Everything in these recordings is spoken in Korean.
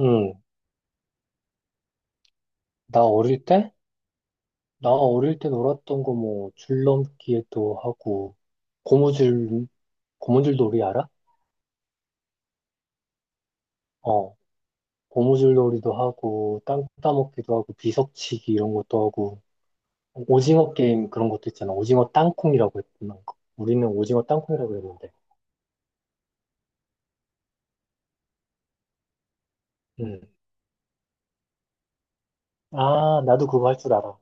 응, 나 어릴 때? 나 어릴 때 놀았던 거 뭐, 줄넘기도 하고, 고무줄, 고무줄 놀이 알아? 어, 고무줄 놀이도 하고, 땅 따먹기도 하고, 비석치기 이런 것도 하고, 오징어 게임 그런 것도 있잖아. 오징어 땅콩이라고 했던 거. 우리는 오징어 땅콩이라고 했는데. 응. 아, 나도 그거 할 줄 알아.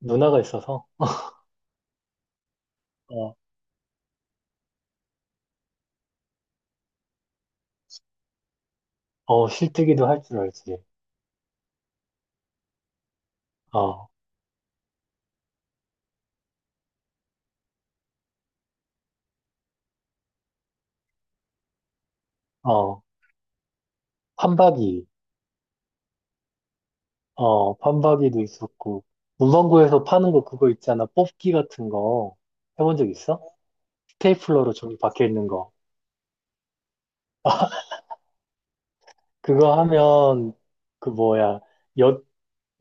누나가 있어서, 어, 어, 실뜨기도 할 줄 알지. 어, 어, 판박이. 어, 판박이도 있었고. 문방구에서 파는 거 그거 있잖아. 뽑기 같은 거. 해본 적 있어? 스테이플러로 종이 박혀 있는 거. 그거 하면, 그 뭐야, 엿,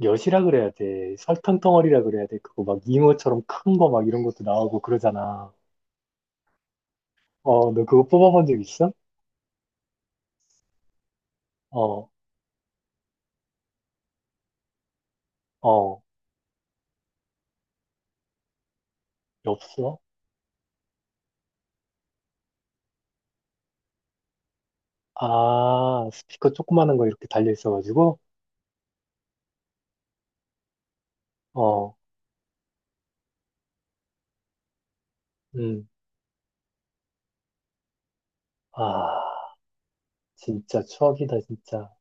엿이라 그래야 돼. 설탕 덩어리라 그래야 돼. 그거 막 잉어처럼 큰 거 막 이런 것도 나오고 그러잖아. 어, 너 그거 뽑아본 적 있어? 어, 어, 없어? 아, 스피커 조그마한 거 이렇게 달려 있어가지고? 어, 음, 아. 진짜 추억이다, 진짜.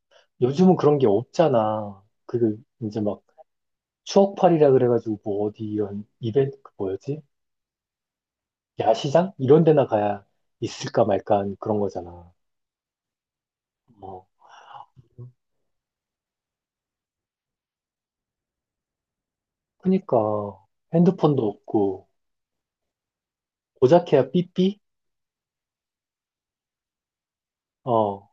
요즘은 그런 게 없잖아. 그, 이제 막, 추억팔이라 그래가지고, 뭐, 어디, 이런, 이벤트, 그 뭐였지? 야시장? 이런 데나 가야 있을까 말까 한 그런 거잖아. 어. 그니까, 핸드폰도 없고, 고작해야 삐삐? 어,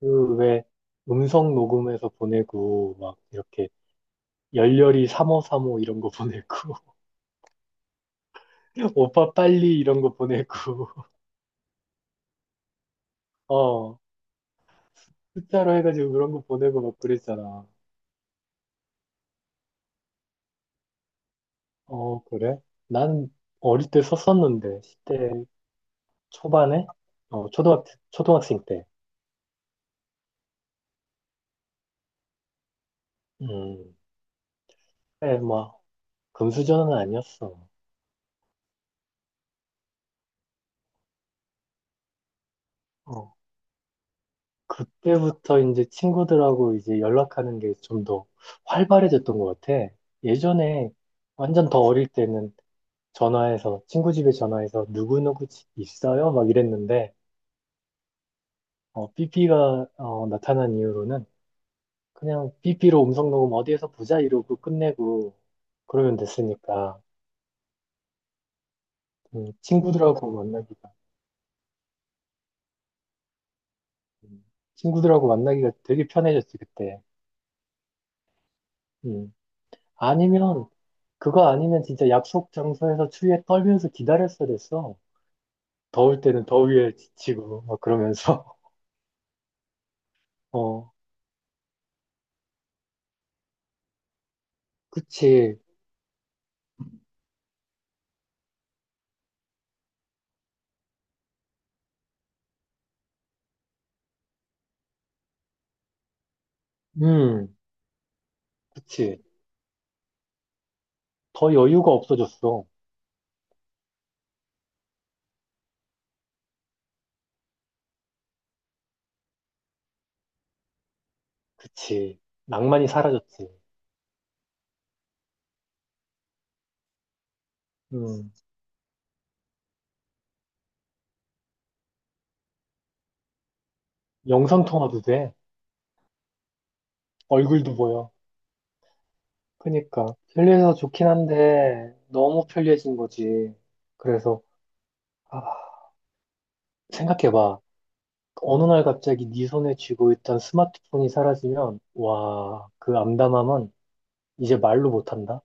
그, 왜, 음성 녹음해서 보내고, 막, 이렇게, 열렬히 3535 이런 거 보내고, 오빠 빨리 이런 거 보내고, 어, 숫자로 해가지고 그런 거 보내고 막 그랬잖아. 어, 그래? 난 어릴 때 썼었는데, 10대 초반에? 어, 초등학, 초등학생 때. 음, 그래, 뭐, 금수저는 아니었어. 어, 그때부터 이제 친구들하고 이제 연락하는 게 좀 더 활발해졌던 것 같아. 예전에 완전 더 어릴 때는 전화해서, 친구 집에 전화해서 누구누구 집 있어요? 막 이랬는데, 어, 삐삐가 어, 나타난 이후로는 그냥 비 p 로 음성 녹음 어디에서 보자 이러고 끝내고 그러면 됐으니까 음, 친구들하고 만나기가 음, 친구들하고 만나기가 되게 편해졌지 그때. 음. 아니면 그거 아니면 진짜 약속 장소에서 추위에 떨면서 기다렸어야 됐어. 더울 때는 더위에 지치고 막 그러면서 어, 그치. 음, 그치, 더 여유가 없어졌어. 그치, 낭만이 사라졌지. 음, 영상 통화도 돼. 얼굴도 보여. 그니까 편리해서 좋긴 한데 너무 편리해진 거지. 그래서 아, 생각해봐. 어느 날 갑자기 네 손에 쥐고 있던 스마트폰이 사라지면 와, 그 암담함은 이제 말로 못한다.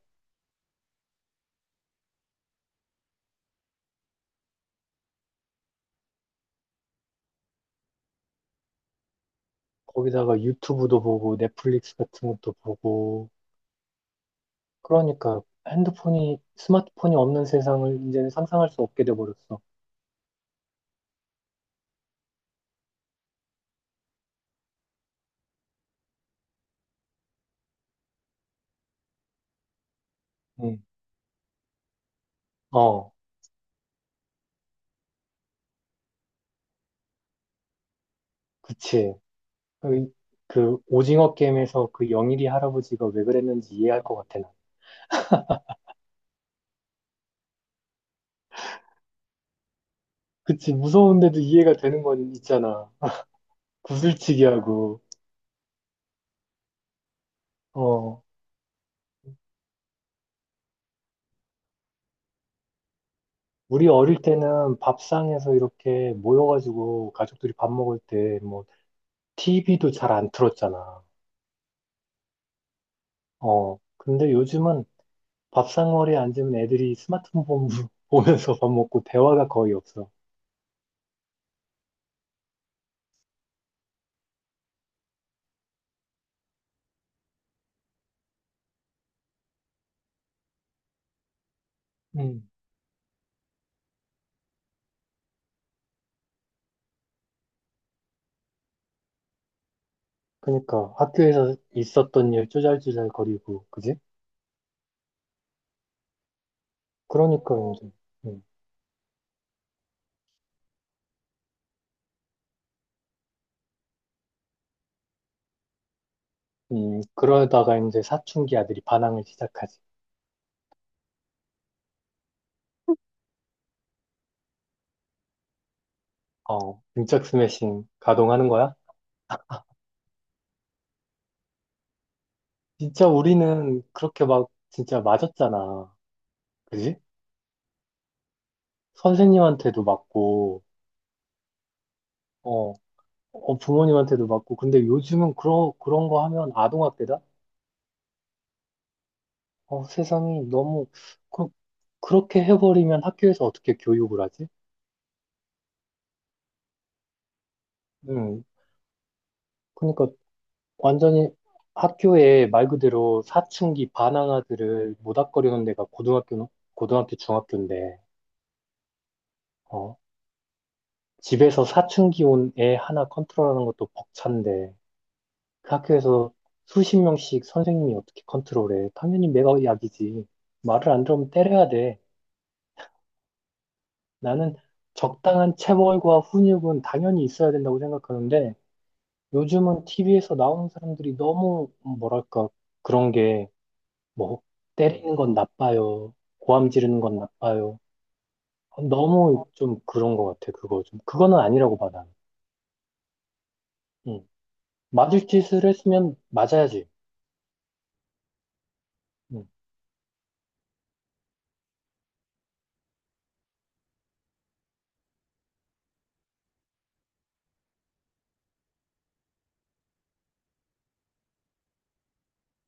거기다가 유튜브도 보고 넷플릭스 같은 것도 보고 그러니까 핸드폰이 스마트폰이 없는 세상을 이제는 상상할 수 없게 돼버렸어. 응. 어, 그치. 그, 그 오징어 게임에서 그 영일이 할아버지가 왜 그랬는지 이해할 것 같아, 나. 그치, 무서운데도 이해가 되는 건 있잖아. 구슬치기하고. 어, 우리 어릴 때는 밥상에서 이렇게 모여가지고 가족들이 밥 먹을 때 뭐, TV도 잘 안 틀었잖아. 어, 근데 요즘은 밥상머리에 앉으면 애들이 스마트폰 보면- 보면서 밥 먹고 대화가 거의 없어. 음. 그러니까 학교에서 있었던 일 쪼잘쪼잘거리고, 그지? 그러니까 이제, 음, 그러다가 이제 사춘기 아들이 반항을 시작하지. 어, 등짝 스매싱 가동하는 거야? 진짜 우리는 그렇게 막 진짜 맞았잖아. 그지? 선생님한테도 맞고, 어, 어, 부모님한테도 맞고. 근데 요즘은 그런 거 하면 아동학대다? 어, 세상이 너무, 그, 그렇게 해버리면 학교에서 어떻게 교육을 하지? 음, 그러니까 완전히 학교에 말 그대로 사춘기 반항아들을 모닥거리는 데가 고등학교, 중학교인데, 어, 집에서 사춘기 온 애 하나 컨트롤하는 것도 벅찬데 그 학교에서 수십 명씩 선생님이 어떻게 컨트롤해? 당연히 내가 약이지. 말을 안 들으면 때려야 돼. 나는 적당한 체벌과 훈육은 당연히 있어야 된다고 생각하는데 요즘은 TV에서 나오는 사람들이 너무 뭐랄까 그런 게 뭐 때리는 건 나빠요. 고함 지르는 건 나빠요. 너무 좀 그런 것 같아. 그거 좀 그거는 아니라고 봐 나는. 응. 맞을 짓을 했으면 맞아야지. 응.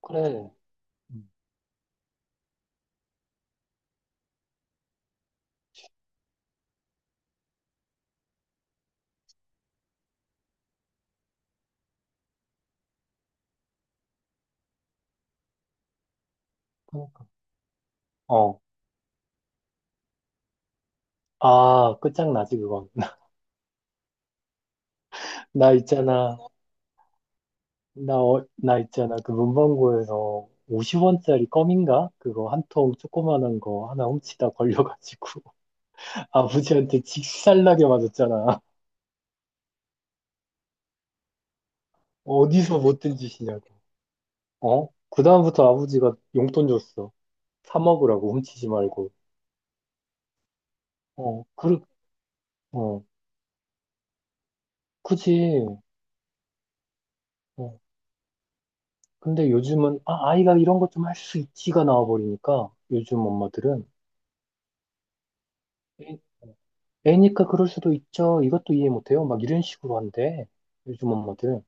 그래. 음. 그러니까. 어. 아, 끝장나지, 그건. 나 있잖아. 나, 어, 나 있잖아. 그 문방구에서 50원짜리 껌인가? 그거 한 통 조그만한 거 하나 훔치다 걸려가지고. 아버지한테 직살나게 맞았잖아. 어디서 못된 짓이냐고. 어? 그다음부터 아버지가 용돈 줬어. 사 먹으라고, 훔치지 말고. 어, 그, 어, 그지. 어. 근데 요즘은, 아, 아이가 이런 것 좀 할 수 있지가 나와버리니까, 요즘 엄마들은. 애니까 그럴 수도 있죠. 이것도 이해 못해요. 막 이런 식으로 한대. 요즘 엄마들.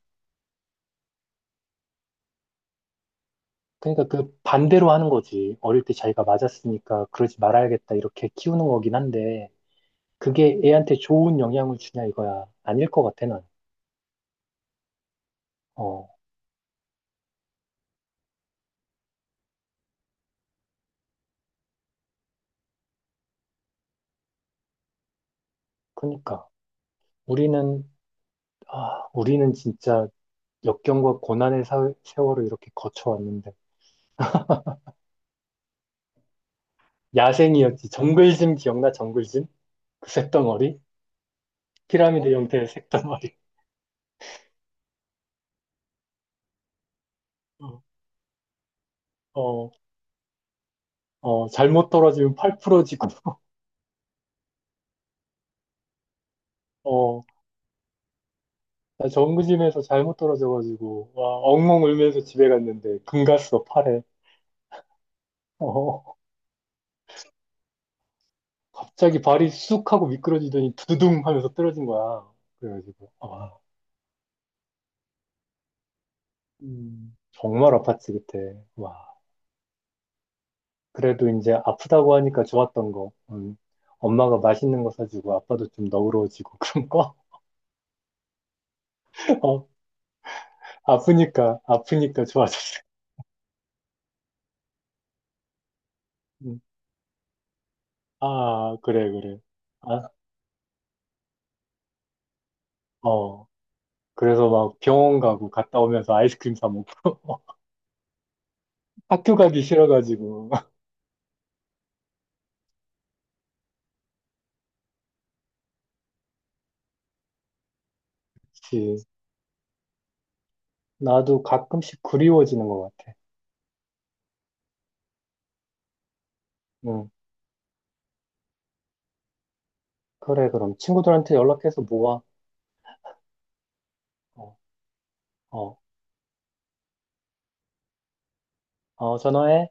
그러니까 그 반대로 하는 거지. 어릴 때 자기가 맞았으니까 그러지 말아야겠다. 이렇게 키우는 거긴 한데, 그게 애한테 좋은 영향을 주냐 이거야. 아닐 것 같아, 난. 어, 그러니까. 우리는, 아, 우리는 진짜 역경과 고난의 세월을 이렇게 거쳐왔는데. 야생이었지. 정글짐 기억나? 정글짐? 그 색덩어리? 피라미드 어? 형태의 색덩어리. 어, 어, 어, 잘못 떨어지면 팔 부러지고. 어, 나 정규짐에서 잘못 떨어져가지고, 와, 엉엉 울면서 집에 갔는데, 금갔어, 팔에. 어, 갑자기 발이 쑥 하고 미끄러지더니 두두둥 하면서 떨어진 거야. 그래가지고, 아, 정말 아팠지, 그때. 와, 그래도 이제 아프다고 하니까 좋았던 거. 엄마가 맛있는 거 사주고, 아빠도 좀 너그러워지고, 그런 거. 어, 아프니까, 아프니까 좋아졌어. 음, 아, 그래, 그래. 아, 어. 그래서 막 병원 가고 갔다 오면서 아이스크림 사 먹고. 학교 가기 싫어가지고. 그치. 나도 가끔씩 그리워지는 것 같아. 응. 그래, 그럼 친구들한테 연락해서 모아. 어, 어, 어, 전화해.